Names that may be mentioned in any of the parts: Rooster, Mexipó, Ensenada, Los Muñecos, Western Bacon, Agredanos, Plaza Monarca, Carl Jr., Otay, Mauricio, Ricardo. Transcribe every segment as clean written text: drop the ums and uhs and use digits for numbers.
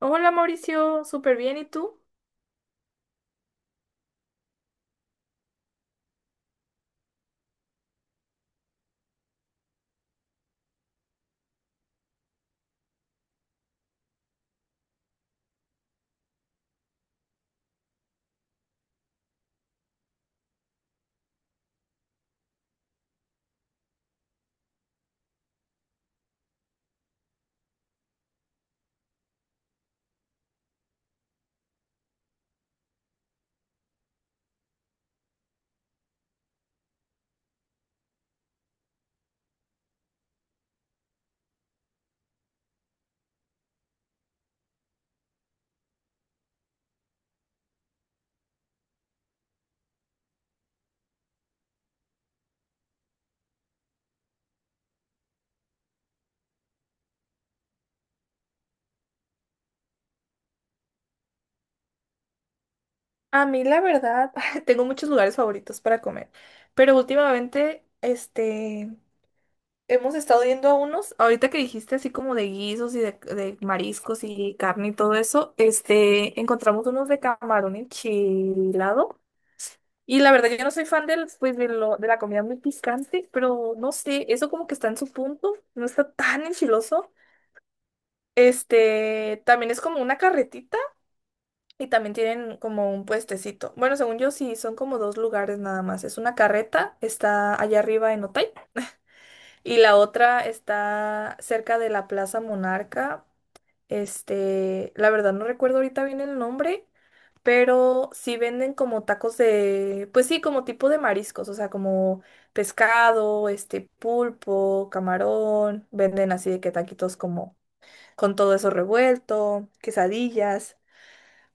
Hola Mauricio, súper bien, ¿y tú? A mí la verdad, tengo muchos lugares favoritos para comer, pero últimamente, hemos estado yendo a unos, ahorita que dijiste así como de guisos y de mariscos y carne y todo eso, encontramos unos de camarón enchilado. Y la verdad, yo no soy fan del, pues, de la comida muy picante, pero no sé, eso como que está en su punto, no está tan enchiloso. También es como una carretita. Y también tienen como un puestecito. Bueno, según yo, sí, son como dos lugares nada más. Es una carreta, está allá arriba en Otay, y la otra está cerca de la Plaza Monarca. La verdad no recuerdo ahorita bien el nombre, pero sí venden como tacos de, pues sí, como tipo de mariscos, o sea, como pescado, pulpo, camarón, venden así de que taquitos como con todo eso revuelto, quesadillas.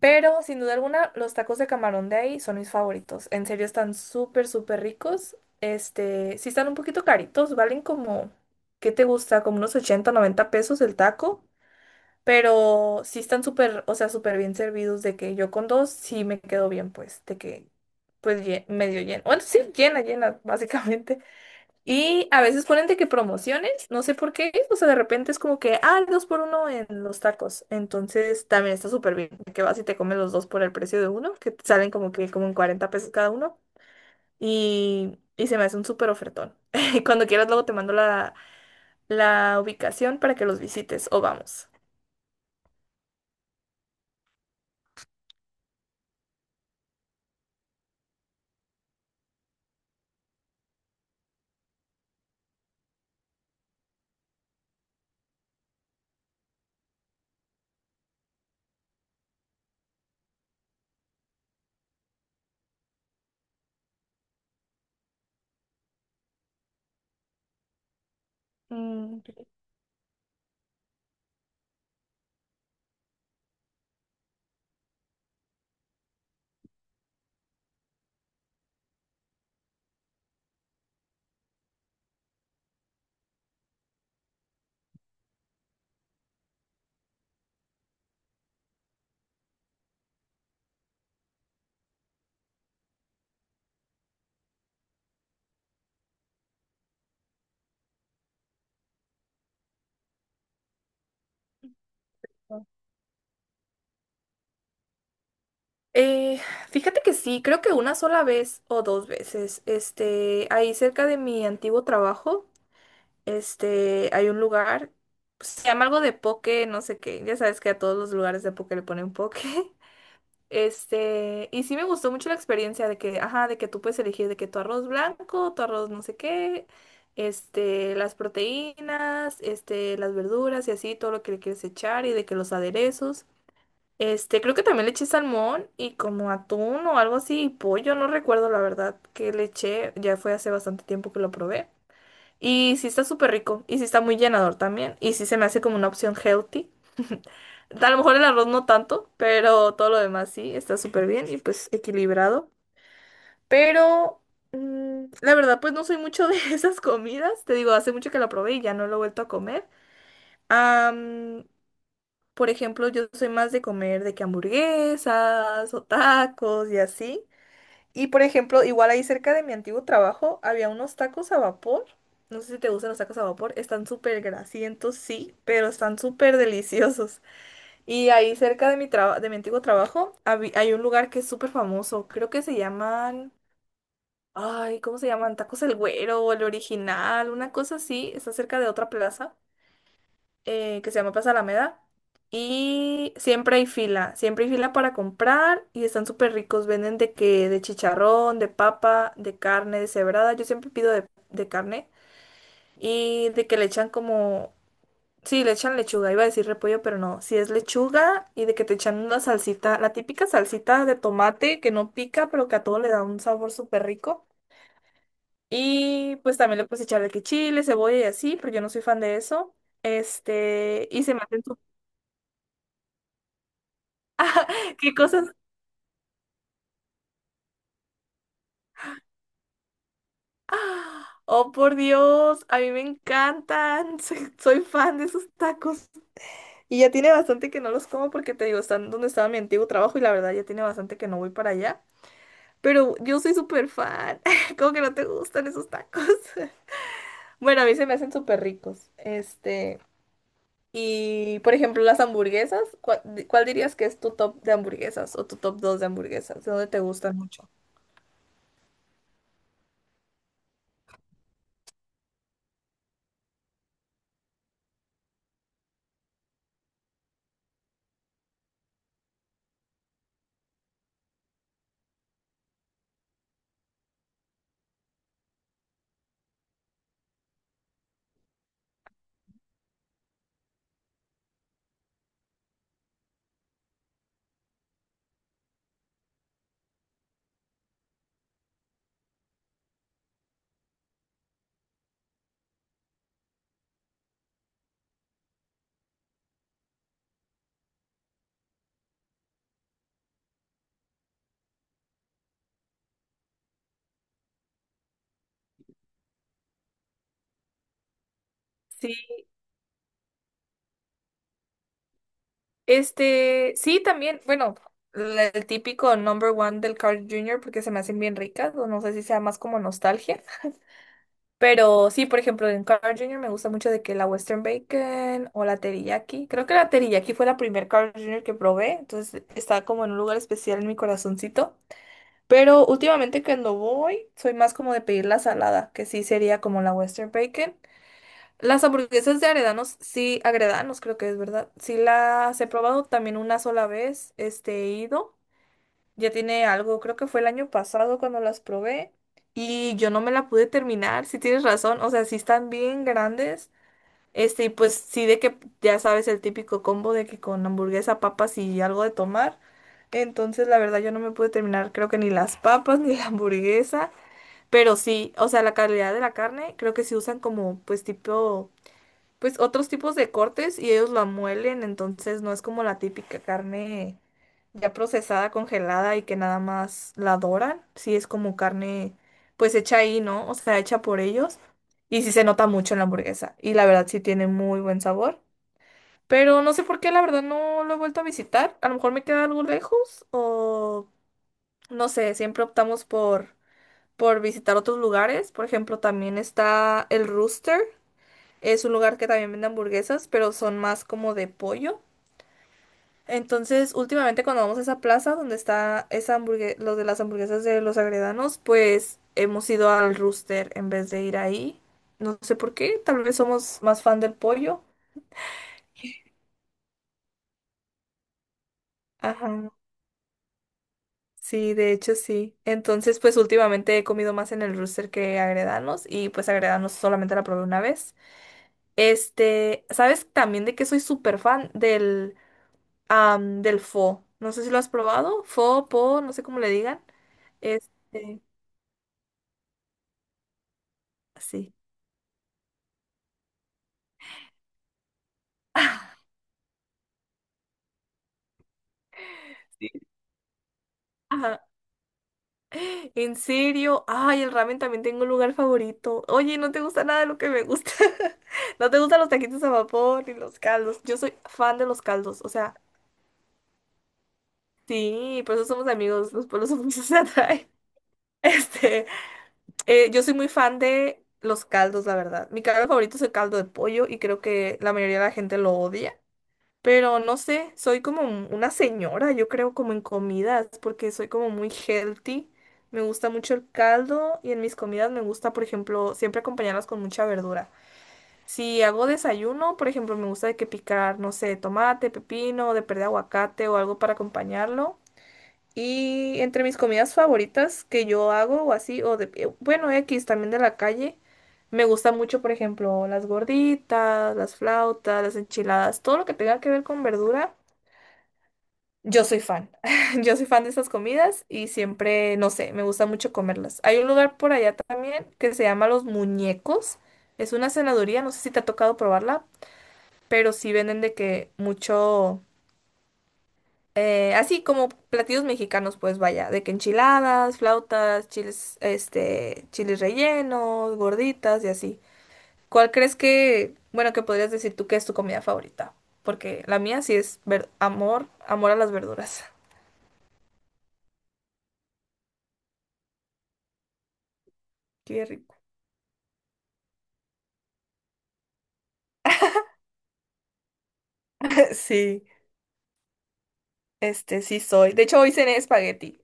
Pero sin duda alguna, los tacos de camarón de ahí son mis favoritos. En serio, están súper, súper ricos. Sí están un poquito caritos, valen como, ¿qué te gusta? Como unos 80 90 pesos el taco. Pero sí están súper, o sea, súper bien servidos de que yo con dos sí me quedo bien, pues, de que, pues, medio lleno. Bueno, sí, llena, llena, básicamente. Y a veces ponen de que promociones, no sé por qué, o sea, de repente es como que, ah, el dos por uno en los tacos. Entonces también está súper bien, que vas y te comes los dos por el precio de uno, que te salen como que como en 40 pesos cada uno. Y se me hace un súper ofertón. Cuando quieras, luego te mando la ubicación para que los visites o vamos. Mm, qué rico. Eh, fíjate que sí, creo que una sola vez o dos veces, ahí cerca de mi antiguo trabajo. Hay un lugar, pues, se llama algo de poke, no sé qué. Ya sabes que a todos los lugares de poke le ponen poke. Y sí me gustó mucho la experiencia de que, ajá, de que tú puedes elegir de que tu arroz blanco, tu arroz no sé qué, las proteínas, las verduras y así, todo lo que le quieres echar y de que los aderezos. Creo que también le eché salmón y como atún o algo así, y pollo, no recuerdo la verdad que le eché, ya fue hace bastante tiempo que lo probé. Y sí está súper rico. Y sí está muy llenador también. Y sí se me hace como una opción healthy. A lo mejor el arroz no tanto, pero todo lo demás sí está súper bien y pues equilibrado. Pero la verdad, pues no soy mucho de esas comidas. Te digo, hace mucho que la probé y ya no lo he vuelto a comer. Am, por ejemplo, yo soy más de comer de que hamburguesas o tacos y así. Y por ejemplo, igual ahí cerca de mi antiguo trabajo había unos tacos a vapor. No sé si te gustan los tacos a vapor. Están súper grasientos, sí, pero están súper deliciosos. Y ahí cerca de de mi antiguo trabajo hay un lugar que es súper famoso. Creo que se llaman. Ay, ¿cómo se llaman? Tacos El Güero o El Original, una cosa así. Está cerca de otra plaza que se llama Plaza Alameda. Y siempre hay fila para comprar y están súper ricos. Venden de que, de chicharrón, de papa, de carne, de cebrada. Yo siempre pido de carne y de que le echan como, sí, le echan lechuga. Iba a decir repollo, pero no. Si es lechuga y de que te echan una salsita, la típica salsita de tomate que no pica, pero que a todo le da un sabor súper rico. Y pues también le puedes echar de que chile, cebolla y así, pero yo no soy fan de eso. Y se me hacen. ¿Qué cosas? Oh, por Dios, a mí me encantan. Soy fan de esos tacos. Y ya tiene bastante que no los como porque te digo, están donde estaba mi antiguo trabajo y la verdad ya tiene bastante que no voy para allá. Pero yo soy súper fan. Como que no te gustan esos tacos. Bueno, a mí se me hacen súper ricos. Y por ejemplo, las hamburguesas, ¿cuál dirías que es tu top de hamburguesas o tu top 2 de hamburguesas? ¿De dónde te gustan mucho? Sí, sí, también, bueno, el típico number one del Carl Jr. porque se me hacen bien ricas, o no sé si sea más como nostalgia, pero sí, por ejemplo, en Carl Jr. me gusta mucho de que la Western Bacon o la teriyaki, creo que la teriyaki fue la primer Carl Jr. que probé, entonces está como en un lugar especial en mi corazoncito, pero últimamente cuando voy soy más como de pedir la salada, que sí sería como la Western Bacon las hamburguesas de Agredanos, sí, Agredanos creo que es verdad. Sí las he probado también una sola vez, he ido. Ya tiene algo, creo que fue el año pasado cuando las probé y yo no me la pude terminar, si tienes razón, o sea, sí están bien grandes. Y pues sí de que ya sabes el típico combo de que con hamburguesa, papas y algo de tomar. Entonces, la verdad yo no me pude terminar, creo que ni las papas ni la hamburguesa, pero sí, o sea, la calidad de la carne, creo que sí usan como pues tipo pues otros tipos de cortes y ellos la muelen, entonces no es como la típica carne ya procesada, congelada y que nada más la doran, sí es como carne pues hecha ahí, ¿no? O sea, hecha por ellos y sí se nota mucho en la hamburguesa y la verdad sí tiene muy buen sabor, pero no sé por qué la verdad no lo he vuelto a visitar, a lo mejor me queda algo lejos o no sé, siempre optamos por visitar otros lugares, por ejemplo, también está el Rooster es un lugar que también vende hamburguesas, pero son más como de pollo. Entonces, últimamente cuando vamos a esa plaza donde está esa los de las hamburguesas de los Agredanos, pues hemos ido al Rooster en vez de ir ahí. No sé por qué, tal vez somos más fan del pollo. Ajá. Sí, de hecho sí. Entonces, pues últimamente he comido más en el Rooster que Agredanos y pues Agredanos solamente la probé una vez. ¿Sabes también de qué soy súper fan? Del pho. No sé si lo has probado. Pho, po, no sé cómo le digan. Este, sí. Sí. Ajá. ¿En serio? Ay, el ramen también tengo un lugar favorito. Oye, no te gusta nada de lo que me gusta. No te gustan los taquitos a vapor ni los caldos. Yo soy fan de los caldos. O sea, sí, por eso somos amigos. Los pueblos opuestos se atraen. Este, yo soy muy fan de los caldos, la verdad. Mi caldo favorito es el caldo de pollo y creo que la mayoría de la gente lo odia. Pero no sé, soy como una señora, yo creo, como en comidas, porque soy como muy healthy. Me gusta mucho el caldo y en mis comidas me gusta, por ejemplo, siempre acompañarlas con mucha verdura. Si hago desayuno, por ejemplo, me gusta de que picar, no sé, tomate, pepino, de perder aguacate o algo para acompañarlo. Y entre mis comidas favoritas que yo hago o así, o bueno, X también de la calle. Me gusta mucho, por ejemplo, las gorditas, las flautas, las enchiladas, todo lo que tenga que ver con verdura. Yo soy fan. Yo soy fan de esas comidas y siempre, no sé, me gusta mucho comerlas. Hay un lugar por allá también que se llama Los Muñecos. Es una cenaduría, no sé si te ha tocado probarla, pero sí venden de que mucho, así como platillos mexicanos, pues vaya, de que enchiladas, flautas, chiles, chiles rellenos, gorditas y así. ¿Cuál crees que, bueno, que podrías decir tú que es tu comida favorita? Porque la mía sí es amor, amor a las verduras. Qué rico. Sí. Sí soy. De hecho, hoy cené espagueti.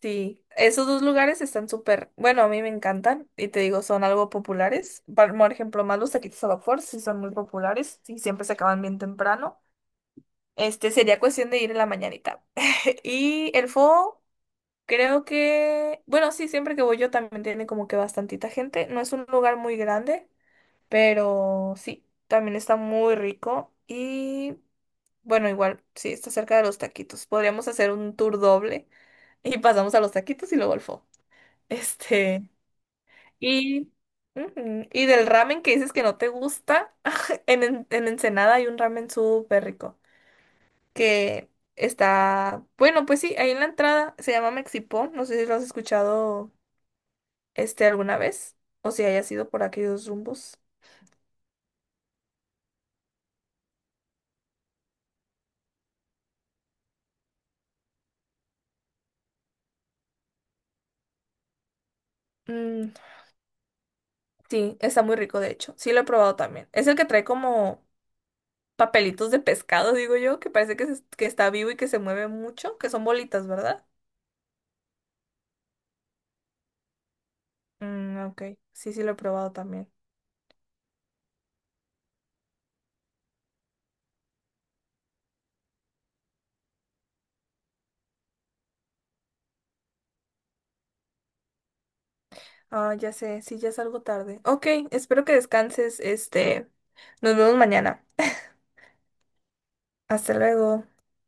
Sí, esos dos lugares están súper, bueno, a mí me encantan y te digo, son algo populares. Por ejemplo, más los taquitos a vapor, sí son muy populares y siempre se acaban bien temprano. Sería cuestión de ir en la mañanita. Y el fo creo que, bueno, sí, siempre que voy yo también tiene como que bastantita gente. No es un lugar muy grande, pero sí, también está muy rico y, bueno, igual, sí, está cerca de los taquitos. Podríamos hacer un tour doble. Y pasamos a los taquitos y luego al pho. Este, y, y del ramen que dices que no te gusta, en Ensenada hay un ramen súper rico que está, bueno, pues sí, ahí en la entrada se llama Mexipó, no sé si lo has escuchado alguna vez o si hayas sido por aquellos rumbos. Mm, sí, está muy rico de hecho, sí lo he probado también. Es el que trae como papelitos de pescado, digo yo, que parece que, que está vivo y que se mueve mucho, que son bolitas, ¿verdad? Mm, ok, sí, sí lo he probado también. Ah, ya sé, sí, ya salgo tarde. Ok, espero que descanses, nos vemos mañana. Hasta luego.